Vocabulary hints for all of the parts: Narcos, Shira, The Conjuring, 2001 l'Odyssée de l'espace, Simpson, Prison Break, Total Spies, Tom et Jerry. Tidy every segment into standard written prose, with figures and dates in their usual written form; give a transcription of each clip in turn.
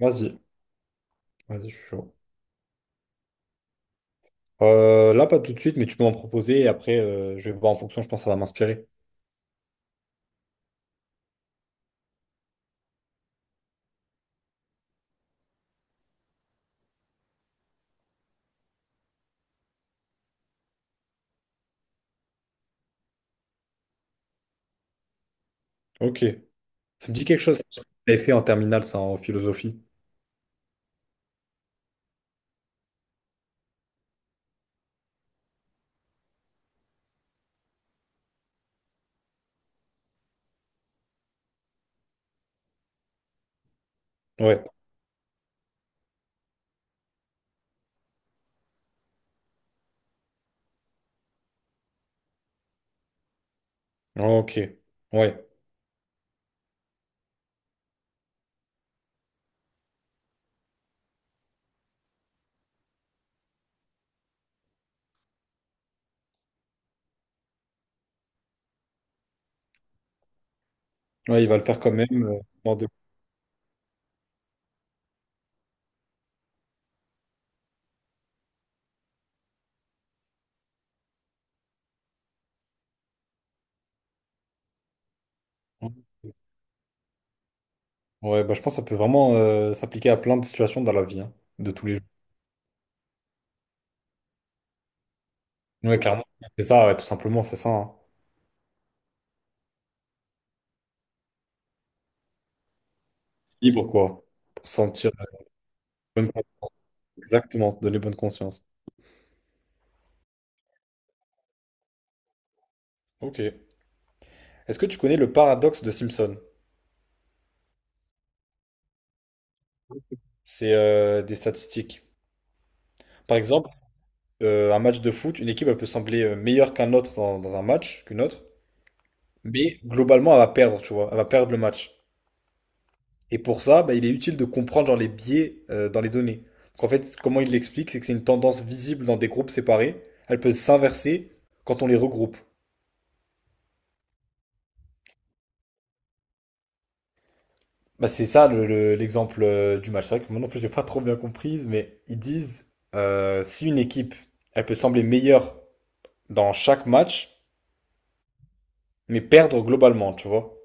Vas-y, vas-y, je suis chaud. Là, pas tout de suite, mais tu peux m'en proposer et après, je vais voir en fonction, je pense que ça va m'inspirer. Ok. Ça me dit quelque chose, ce que tu avais fait en terminale, ça, en philosophie. Ouais. Ok. Ouais. Ouais, il va le faire quand même. Mort de- Ouais, bah, je pense que ça peut vraiment s'appliquer à plein de situations dans la vie, hein, de tous les jours. Ouais, clairement. C'est ça, ouais, tout simplement, c'est ça, hein. Libre, quoi. Pour se sentir bonne con- exactement, se donner bonne conscience. Ok. Est-ce que tu connais le paradoxe de Simpson? C'est des statistiques. Par exemple, un match de foot, une équipe, elle peut sembler meilleure qu'un autre dans un match, qu'une autre, mais globalement, elle va perdre, tu vois, elle va perdre le match. Et pour ça, bah, il est utile de comprendre genre, les biais dans les données. Donc, en fait, comment il l'explique, c'est que c'est une tendance visible dans des groupes séparés, elle peut s'inverser quand on les regroupe. Bah, c'est ça l'exemple du match. C'est vrai que moi non plus, j'ai pas trop bien comprise, mais ils disent si une équipe, elle peut sembler meilleure dans chaque match, mais perdre globalement, tu vois.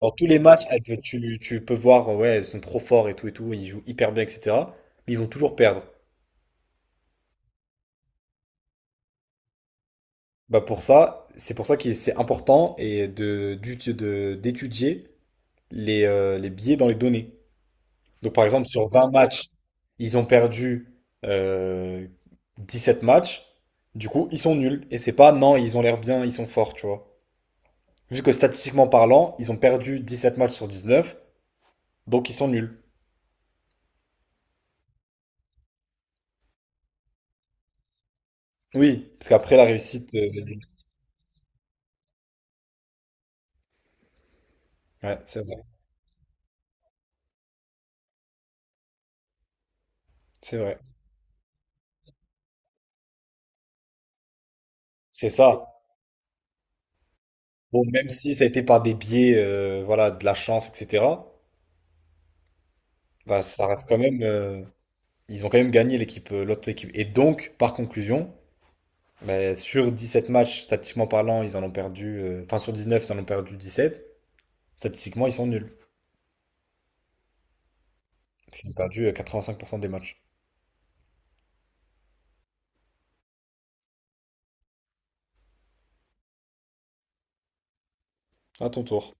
Dans tous les matchs, ah, que tu peux voir, ouais, ils sont trop forts et tout, ils jouent hyper bien, etc. Mais ils vont toujours perdre. Bah pour ça, c'est pour ça que c'est important et d'étudier les biais dans les données. Donc par exemple, sur 20 matchs, ils ont perdu euh, 7 matchs, du coup, ils sont nuls. Et c'est pas, non, ils ont l'air bien, ils sont forts, tu vois. Vu que statistiquement parlant, ils ont perdu 17 matchs sur 19, donc ils sont nuls. Oui, parce qu'après la réussite. Ouais, c'est vrai, c'est vrai. C'est ça. Bon, même si ça a été par des biais, voilà, de la chance, etc., bah, ça reste quand même. Ils ont quand même gagné l'équipe, l'autre équipe. Et donc, par conclusion, bah, sur 7 matchs, statistiquement parlant, ils en ont perdu. Enfin, sur 19, ils en ont perdu 17. Statistiquement, ils sont nuls. Ils ont perdu 85% des matchs. À ton tour.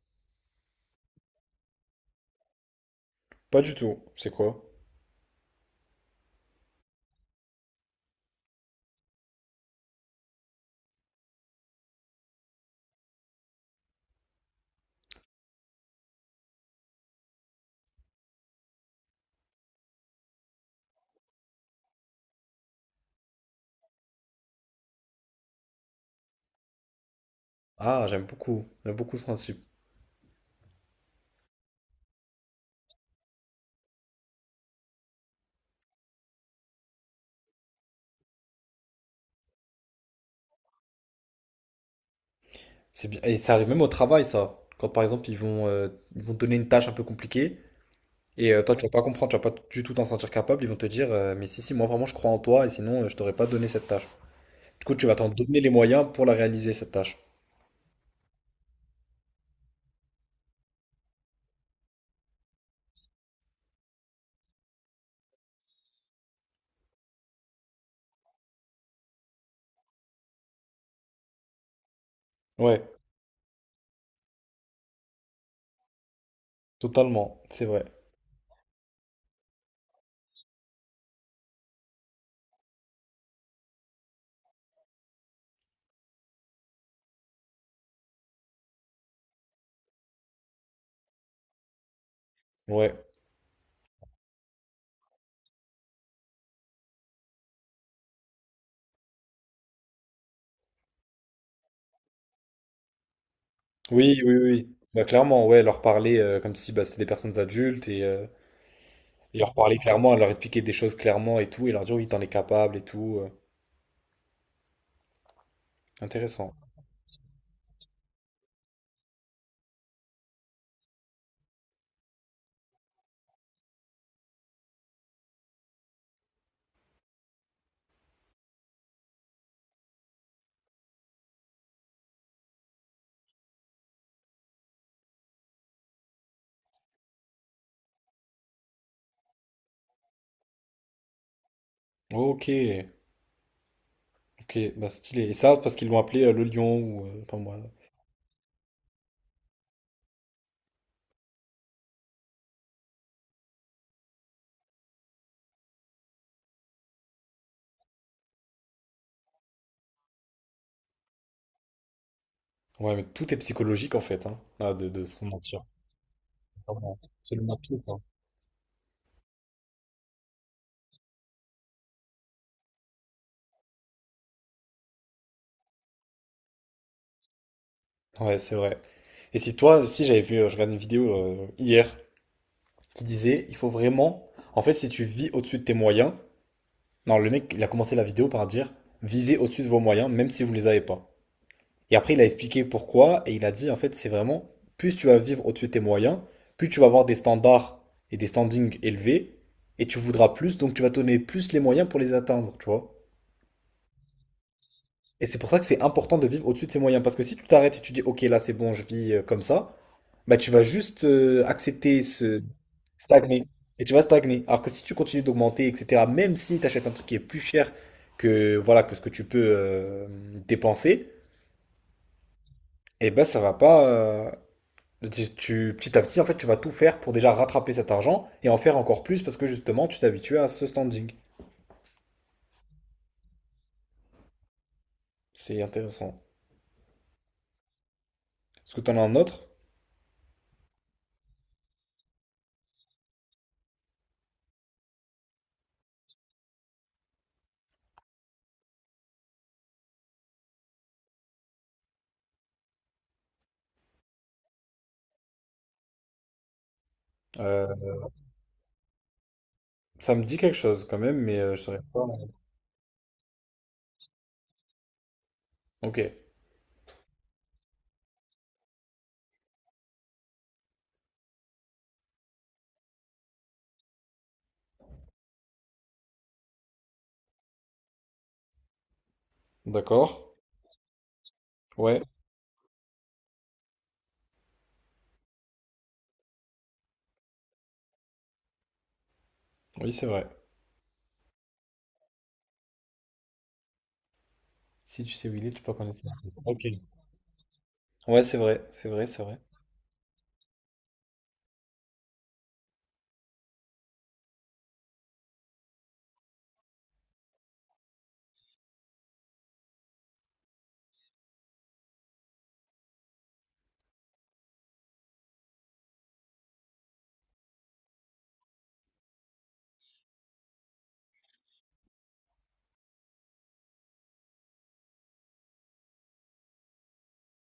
Pas du tout. C'est quoi? Ah, j'aime beaucoup. J'aime beaucoup ce principe. C'est bien. Et ça arrive même au travail, ça. Quand par exemple, ils vont te donner une tâche un peu compliquée. Et toi, tu vas pas comprendre, tu vas pas du tout t'en sentir capable. Ils vont te dire, mais si, si, moi vraiment je crois en toi et sinon je t'aurais pas donné cette tâche. Du coup, tu vas t'en donner les moyens pour la réaliser, cette tâche. Ouais, totalement, c'est vrai. Ouais. Oui, oui, oui. Bah, clairement, ouais, leur parler comme si bah, c'était des personnes adultes et leur parler clairement, leur expliquer des choses clairement et tout, et leur dire, oui, t'en es capable et tout. Intéressant. Ok, ok, bah stylé. Et ça, parce qu'ils l'ont appelé le lion ou pas moi. Ouais, mais tout est psychologique en fait, hein. Ah, de se mentir. Absolument tout, quoi. Ouais, c'est vrai. Et si toi, si j'avais vu, je regardais une vidéo hier qui disait, il faut vraiment, en fait, si tu vis au-dessus de tes moyens, non, le mec, il a commencé la vidéo par dire, vivez au-dessus de vos moyens, même si vous les avez pas. Et après, il a expliqué pourquoi, et il a dit, en fait, c'est vraiment, plus tu vas vivre au-dessus de tes moyens, plus tu vas avoir des standards et des standings élevés, et tu voudras plus, donc tu vas te donner plus les moyens pour les atteindre, tu vois. Et c'est pour ça que c'est important de vivre au-dessus de ses moyens. Parce que si tu t'arrêtes et tu dis, OK, là, c'est bon, je vis comme ça, bah, tu vas juste accepter ce stagner. Et tu vas stagner. Alors que si tu continues d'augmenter, etc., même si tu achètes un truc qui est plus cher que, voilà, que ce que tu peux dépenser, eh ben, ça va pas. Petit à petit, en fait, tu vas tout faire pour déjà rattraper cet argent et en faire encore plus parce que justement, tu t'habitues à ce standing. C'est intéressant. Est-ce que tu en as un autre? Euh, ça me dit quelque chose quand même, mais je saurais pas. Ok. D'accord. Ouais, oui, c'est vrai. Si tu sais où il est, tu peux pas connaître ça. Ok. Ouais, c'est vrai, c'est vrai, c'est vrai.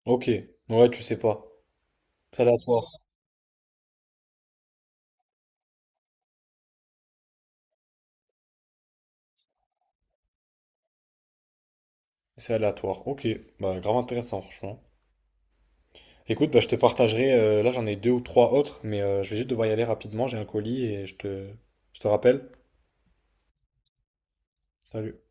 Ok. Ouais, tu sais pas. C'est aléatoire. C'est aléatoire. Ok. Bah, grave intéressant, franchement. Écoute, bah, je te partagerai. Là, j'en ai deux ou trois autres, mais je vais juste devoir y aller rapidement. J'ai un colis et je te rappelle. Salut.